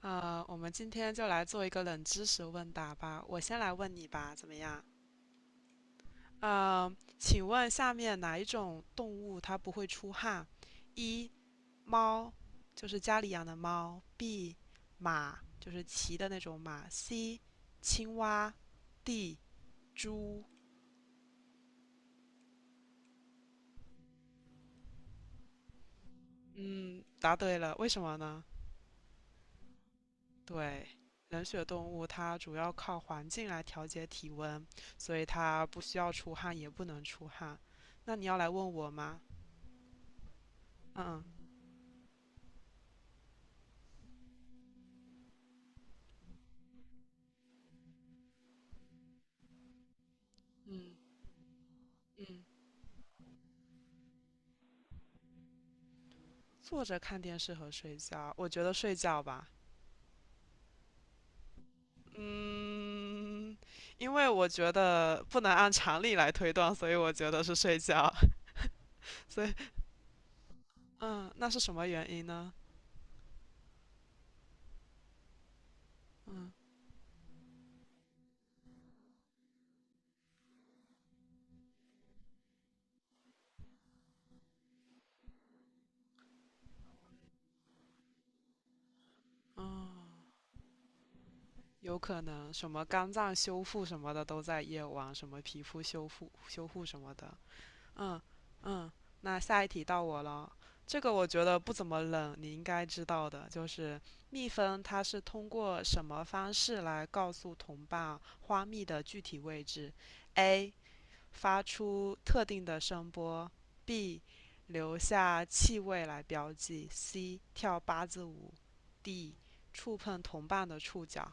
我们今天就来做一个冷知识问答吧。我先来问你吧，怎么样？请问下面哪一种动物它不会出汗？一猫，就是家里养的猫；B 马，就是骑的那种马；C 青蛙；D 猪。嗯，答对了，为什么呢？对，冷血动物它主要靠环境来调节体温，所以它不需要出汗，也不能出汗。那你要来问我吗？嗯，嗯嗯，坐着看电视和睡觉，我觉得睡觉吧。嗯，因为我觉得不能按常理来推断，所以我觉得是睡觉。所以，嗯，那是什么原因呢？嗯，哦，有可能什么肝脏修复什么的都在夜晚，什么皮肤修复什么的。嗯嗯，那下一题到我了。这个我觉得不怎么冷，你应该知道的，就是蜜蜂它是通过什么方式来告诉同伴花蜜的具体位置？A. 发出特定的声波；B. 留下气味来标记；C. 跳八字舞；D. 触碰同伴的触角。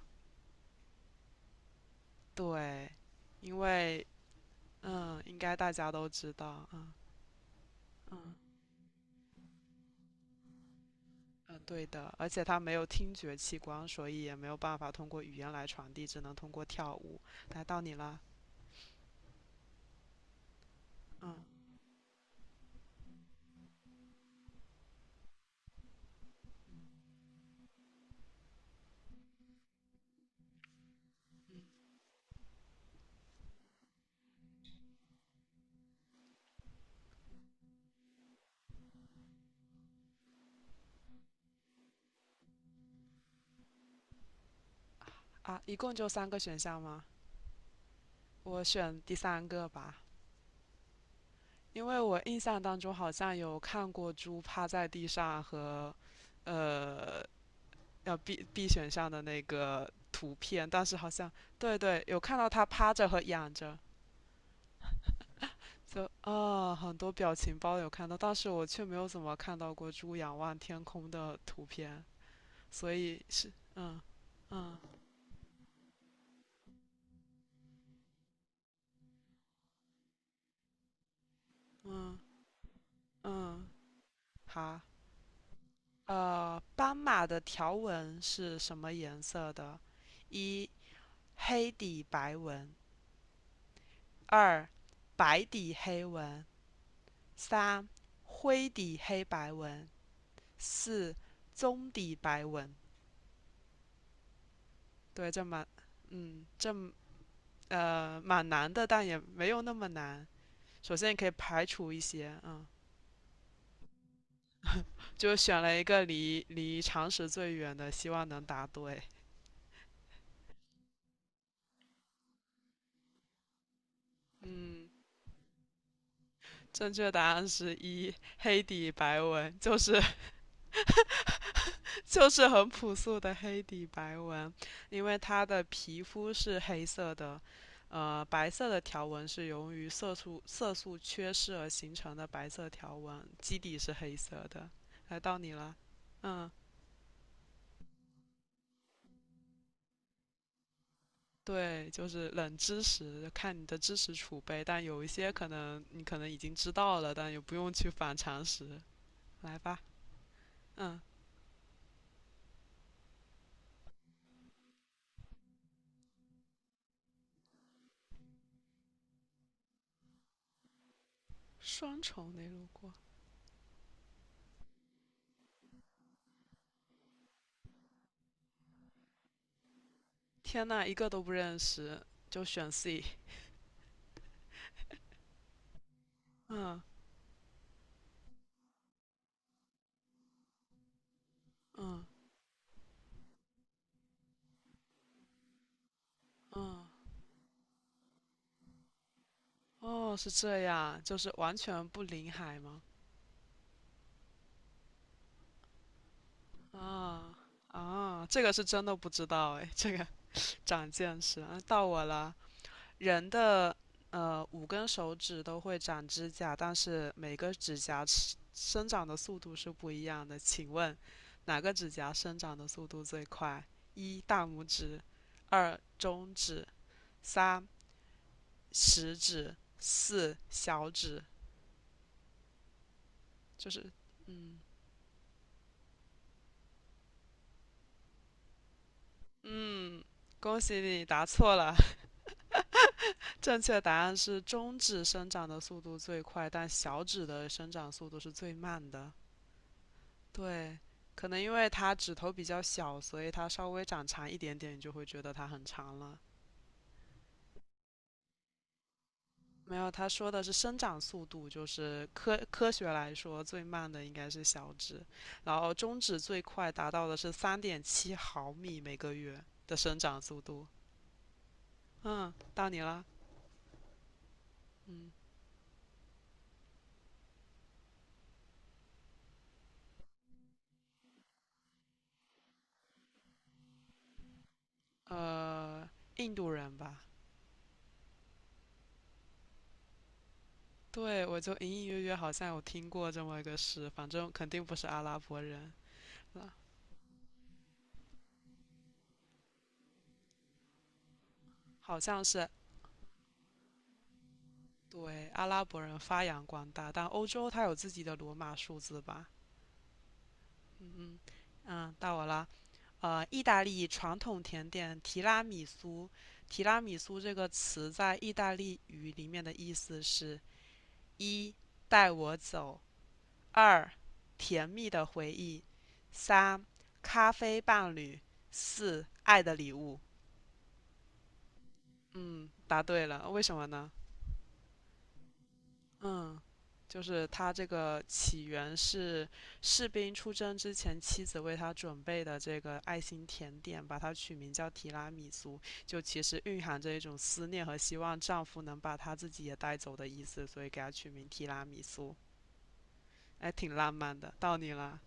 对，因为应该大家都知道，嗯嗯。对的，而且它没有听觉器官，所以也没有办法通过语言来传递，只能通过跳舞。来到你了，嗯一共就三个选项吗？我选第三个吧，因为我印象当中好像有看过猪趴在地上和，呃，要 B 选项的那个图片，但是好像对对，有看到它趴着和仰着。就啊，很多表情包有看到，但是我却没有怎么看到过猪仰望天空的图片。所以是嗯嗯嗯，好，斑马的条纹是什么颜色的？一黑底白纹，二白底黑纹，三灰底黑白纹，四棕底白纹。对，这蛮难的，但也没有那么难。首先，你可以排除一些，就选了一个离常识最远的，希望能答对。嗯，正确答案是一黑底白纹，就是 就是很朴素的黑底白纹，因为它的皮肤是黑色的，白色的条纹是由于色素缺失而形成的白色条纹，基底是黑色的。来到你了，嗯，对，就是冷知识，看你的知识储备，但有一些可能你可能已经知道了，但也不用去反常识。来吧，嗯，双重内陆过。天呐，一个都不认识，就选 C。嗯嗯嗯，哦，是这样，就是完全不临海吗？啊啊，这个是真的不知道哎，这个 长见识啊，到我了。人的5根手指都会长指甲，但是每个指甲是生长的速度是不一样的。请问哪个指甲生长的速度最快？一大拇指，二中指，三食指、四小指，就是嗯嗯，恭喜你答错了，正确答案是中指生长的速度最快，但小指的生长速度是最慢的。对，可能因为它指头比较小，所以它稍微长长一点点，你就会觉得它很长了。没有，他说的是生长速度，就是科学来说最慢的应该是小指，然后中指最快达到的是3.7毫米每个月的生长速度。嗯，到你了。嗯，印度人吧？对，我就隐隐约约好像有听过这么一个事，反正肯定不是阿拉伯人了，好像是对阿拉伯人发扬光大，但欧洲它有自己的罗马数字吧？嗯，到我了。意大利传统甜点提拉米苏，提拉米苏这个词在意大利语里面的意思是“一带我走”。二、甜蜜的回忆；三、咖啡伴侣；四、爱的礼物。嗯，答对了，为什么呢？嗯，就是他这个起源是士兵出征之前妻子为他准备的这个爱心甜点，把它取名叫提拉米苏，就其实蕴含着一种思念和希望丈夫能把他自己也带走的意思，所以给他取名提拉米苏，哎，挺浪漫的。到你了，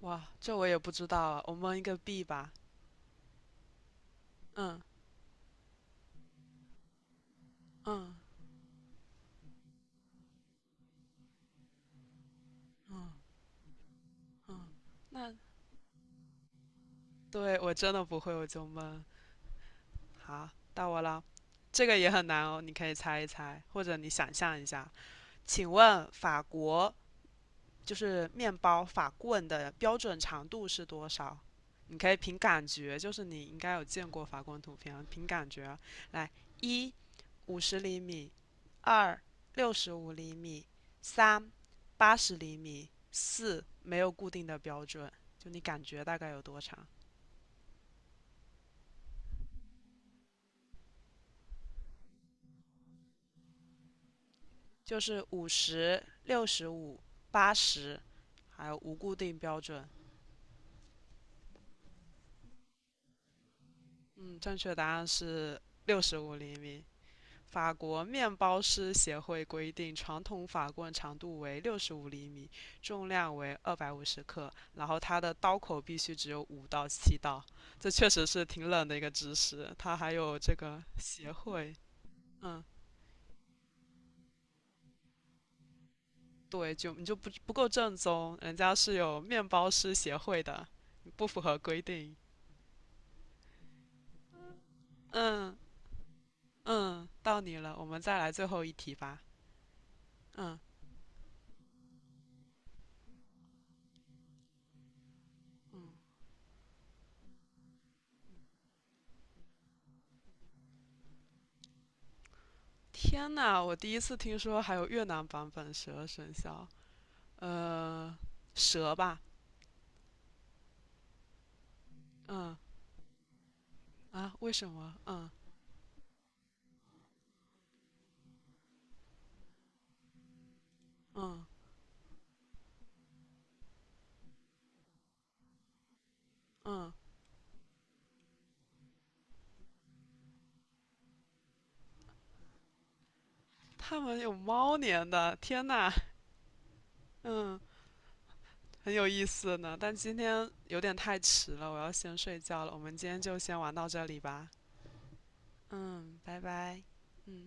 哇，这我也不知道啊，我蒙一个 B 吧。嗯嗯嗯嗯，那对我真的不会，我就闷。好，到我了，这个也很难哦，你可以猜一猜，或者你想象一下。请问法国就是面包法棍的标准长度是多少？你可以凭感觉，就是你应该有见过法棍图片啊，凭感觉啊来：一50厘米，二六十五厘米，三80厘米，四没有固定的标准，就你感觉大概有多长？就是五十六十五、八十，还有无固定标准。嗯，正确答案是六十五厘米。法国面包师协会规定，传统法棍长度为六十五厘米，重量为250克，然后它的刀口必须只有5到7刀。这确实是挺冷的一个知识，它还有这个协会，嗯，对，就你就不够正宗，人家是有面包师协会的，你不符合规定。嗯嗯，到你了，我们再来最后一题吧。嗯嗯，天呐，我第一次听说还有越南版本《十二生肖》。呃，蛇吧？嗯为什么？嗯嗯嗯，他们有猫年的，天呐，嗯，很有意思呢。但今天有点太迟了，我要先睡觉了。我们今天就先玩到这里吧。嗯，拜拜。嗯。